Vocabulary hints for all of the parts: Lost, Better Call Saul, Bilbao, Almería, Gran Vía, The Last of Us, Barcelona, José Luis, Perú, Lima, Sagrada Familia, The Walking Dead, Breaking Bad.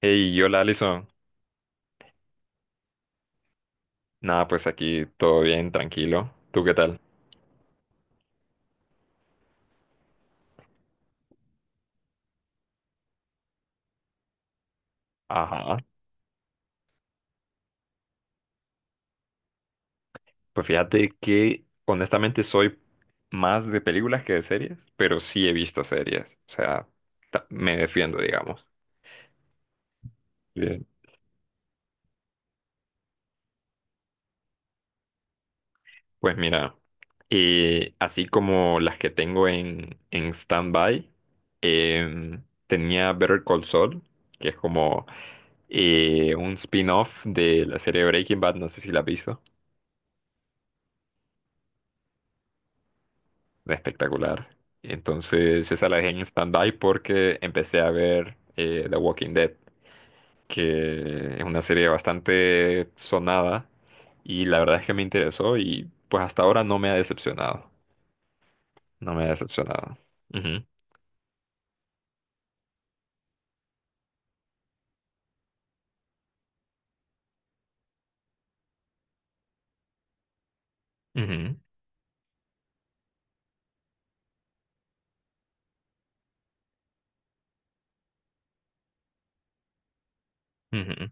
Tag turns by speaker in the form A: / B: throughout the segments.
A: Hey, hola Alison. Nada, pues aquí todo bien, tranquilo. ¿Tú qué tal? Ajá. Pues fíjate que honestamente soy más de películas que de series, pero sí he visto series. O sea, me defiendo, digamos. Bien. Pues mira, así como las que tengo en stand-by, em, tenía Better Call Saul, que es como un spin-off de la serie Breaking Bad, no sé si la has visto. Espectacular. Entonces esa la dejé en stand-by porque empecé a ver The Walking Dead, que es una serie bastante sonada y la verdad es que me interesó y pues hasta ahora no me ha decepcionado. No me ha decepcionado. Ujú, ujú, ujú.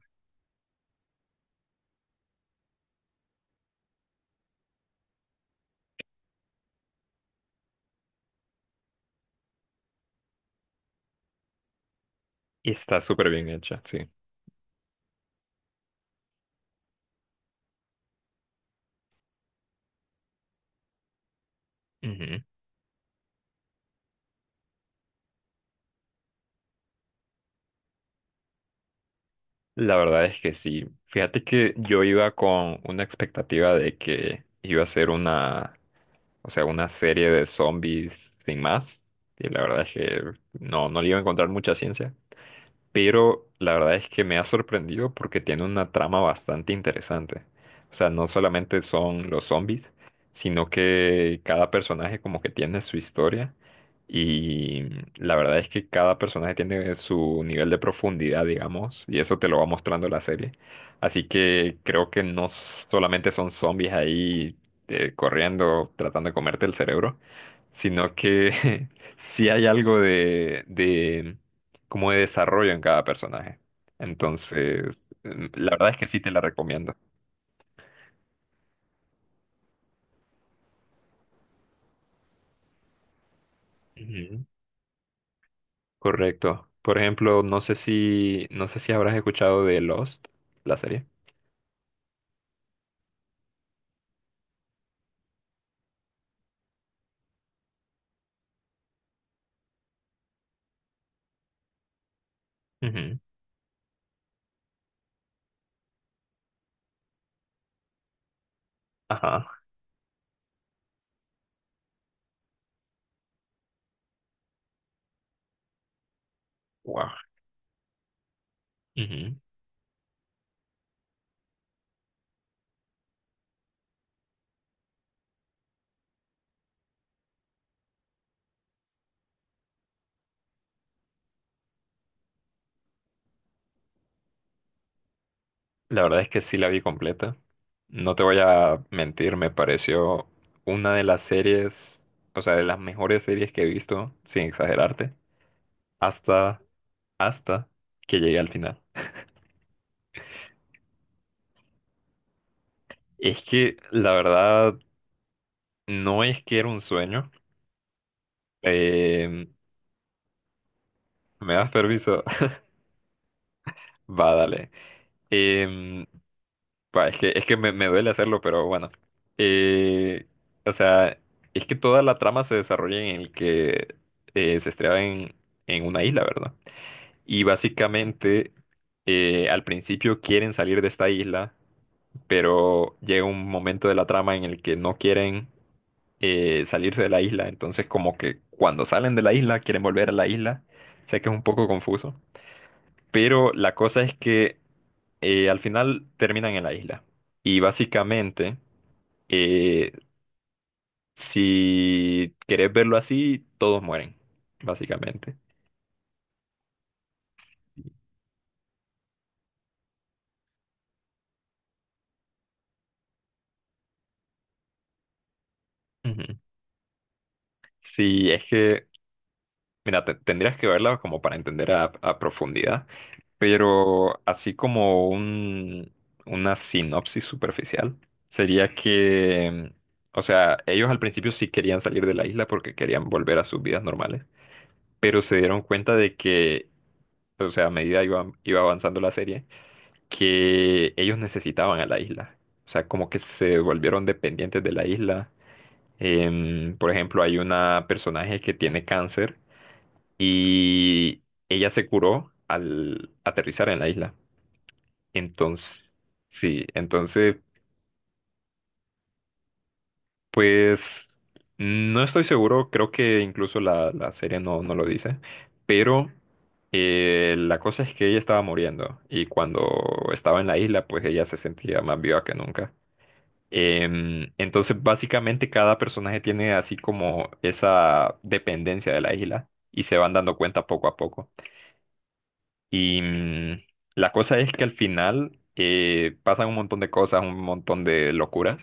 A: Y está súper bien hecha, sí. Ujú. La verdad es que sí. Fíjate que yo iba con una expectativa de que iba a ser una. O sea, una serie de zombies sin más. Y la verdad es que no le iba a encontrar mucha ciencia, pero la verdad es que me ha sorprendido porque tiene una trama bastante interesante. O sea, no solamente son los zombies, sino que cada personaje como que tiene su historia y la verdad es que cada personaje tiene su nivel de profundidad, digamos, y eso te lo va mostrando la serie. Así que creo que no solamente son zombies ahí corriendo, tratando de comerte el cerebro, sino que sí hay algo de cómo desarrollan cada personaje. Entonces, la verdad es que sí te la recomiendo. Ujú. Correcto. Por ejemplo, no sé si habrás escuchado de Lost, la serie. Ujú. Ajá. Wow. Ujú. La verdad es que sí la vi completa. No te voy a mentir, me pareció una de las series, o sea, de las mejores series que he visto, sin exagerarte, hasta, hasta que llegué al final. Es que la verdad no es que era un sueño. Eh, ¿Me das permiso? Va, dale. Em, es que me duele hacerlo, pero bueno. Eh, o sea, es que toda la trama se desarrolla en el que se estrella en una isla, ¿verdad? Y básicamente al principio quieren salir de esta isla, pero llega un momento de la trama en el que no quieren salirse de la isla, entonces como que cuando salen de la isla quieren volver a la isla. Sé que es un poco confuso. Pero la cosa es que al final terminan en la isla. Y básicamente, eh, si querés verlo así, todos mueren, básicamente. Ujú. Sí, es que, mira, tendrías que verla como para entender a profundidad, pero así como un, una sinopsis superficial, sería que, o sea, ellos al principio sí querían salir de la isla porque querían volver a sus vidas normales, pero se dieron cuenta de que, o sea, a medida iba avanzando la serie, que ellos necesitaban a la isla. O sea, como que se volvieron dependientes de la isla. Por ejemplo, hay una personaje que tiene cáncer y ella se curó al aterrizar en la isla. Entonces, sí, entonces pues no estoy seguro, creo que incluso la serie no lo dice, pero la cosa es que ella estaba muriendo y cuando estaba en la isla, pues ella se sentía más viva que nunca. Entonces, básicamente cada personaje tiene así como esa dependencia de la isla y se van dando cuenta poco a poco. Y la cosa es que al final pasan un montón de cosas, un montón de locuras.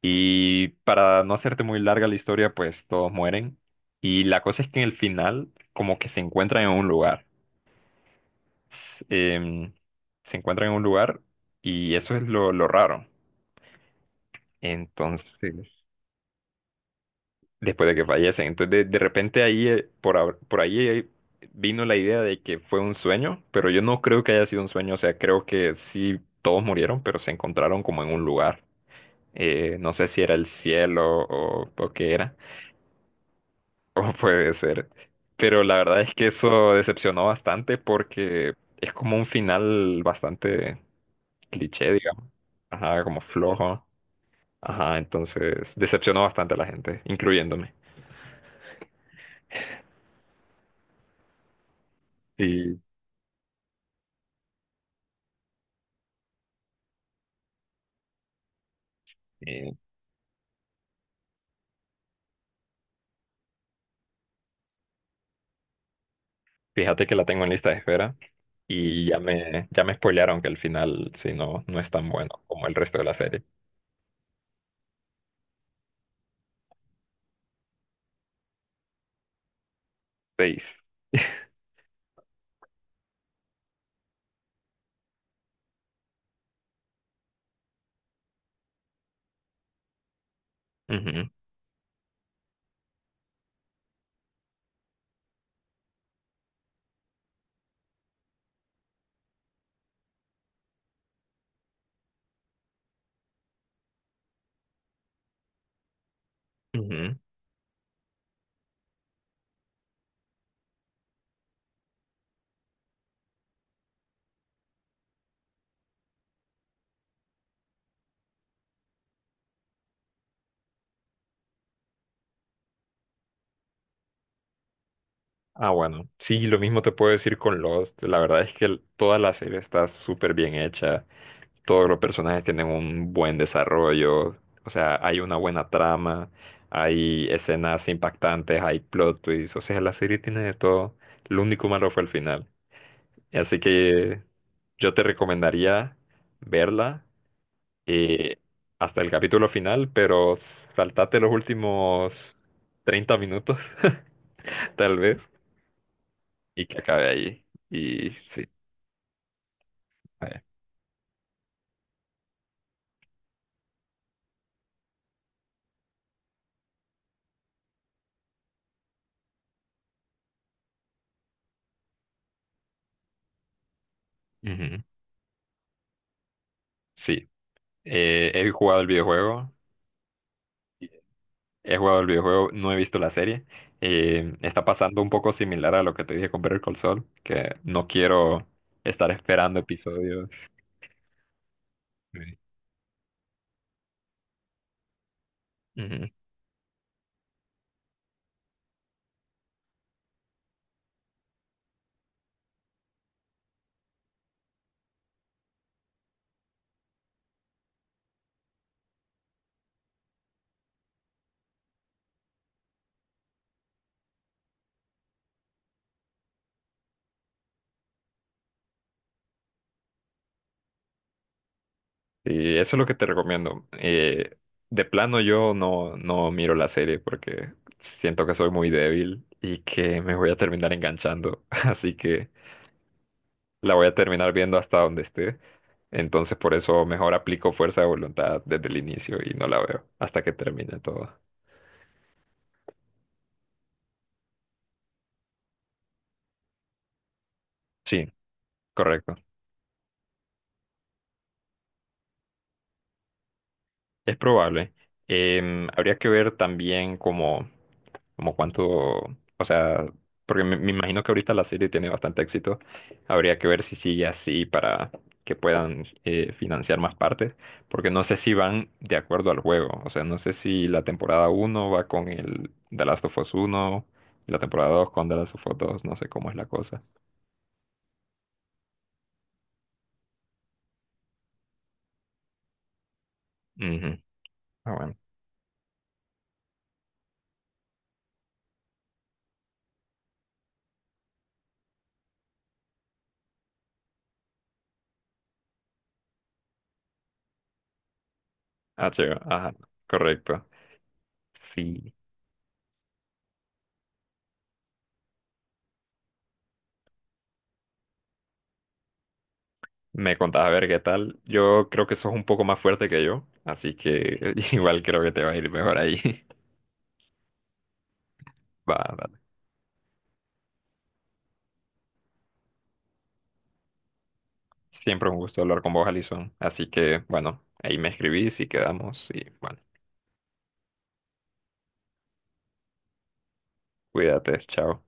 A: Y para no hacerte muy larga la historia, pues todos mueren. Y la cosa es que en el final, como que se encuentran en un lugar. S- em, se encuentran en un lugar y eso es lo raro. Entonces, después de que fallecen. Entonces, de repente ahí, por ahí vino la idea de que fue un sueño, pero yo no creo que haya sido un sueño. O sea, creo que sí, todos murieron, pero se encontraron como en un lugar. No sé si era el cielo o qué era. O puede ser. Pero la verdad es que eso decepcionó bastante porque es como un final bastante cliché, digamos. Ajá, como flojo. Ajá, entonces decepcionó bastante a la gente, incluyéndome. Sí, sí. Fíjate que la tengo en lista de espera y ya ya me spoilearon que el final, si no, no es tan bueno como el resto de la serie. Seis. Ujú, ujú. Ah, bueno. Sí, lo mismo te puedo decir con Lost. La verdad es que toda la serie está súper bien hecha. Todos los personajes tienen un buen desarrollo, o sea, hay una buena trama, hay escenas impactantes, hay plot twists, o sea, la serie tiene de todo. Lo único malo fue el final. Así que yo te recomendaría verla eh, hasta el capítulo final, pero saltate los últimos 30 minutos, tal vez, y que acabe ahí. Y sí. eh, ujú, Sí. He jugado el videojuego. He jugado el videojuego, no he visto la serie. Está pasando un poco similar a lo que te dije con Better Call Saul, que no quiero estar esperando episodios. Sí. Ujú. Y eso es lo que te recomiendo. De plano yo no miro la serie porque siento que soy muy débil y que me voy a terminar enganchando. Así que la voy a terminar viendo hasta donde esté. Entonces por eso mejor aplico fuerza de voluntad desde el inicio y no la veo hasta que termine todo. Sí, correcto. Es probable. Habría que ver también como, como cuánto, o sea, porque me imagino que ahorita la serie tiene bastante éxito. Habría que ver si sigue así para que puedan financiar más partes, porque no sé si van de acuerdo al juego. O sea, no sé si la temporada uno va con el The Last of Us 1 y la temporada 2 con The Last of Us 2. No sé cómo es la cosa. Ujú. Ah, bueno. Ah, chévere. Ajá, correcto. Sí. Me contás a ver qué tal. Yo creo que sos un poco más fuerte que yo, así que igual creo que te va a ir mejor ahí. Va, dale. Siempre un gusto hablar con vos, Alison. Así que, bueno, ahí me escribís y quedamos y bueno, cuídate, chao.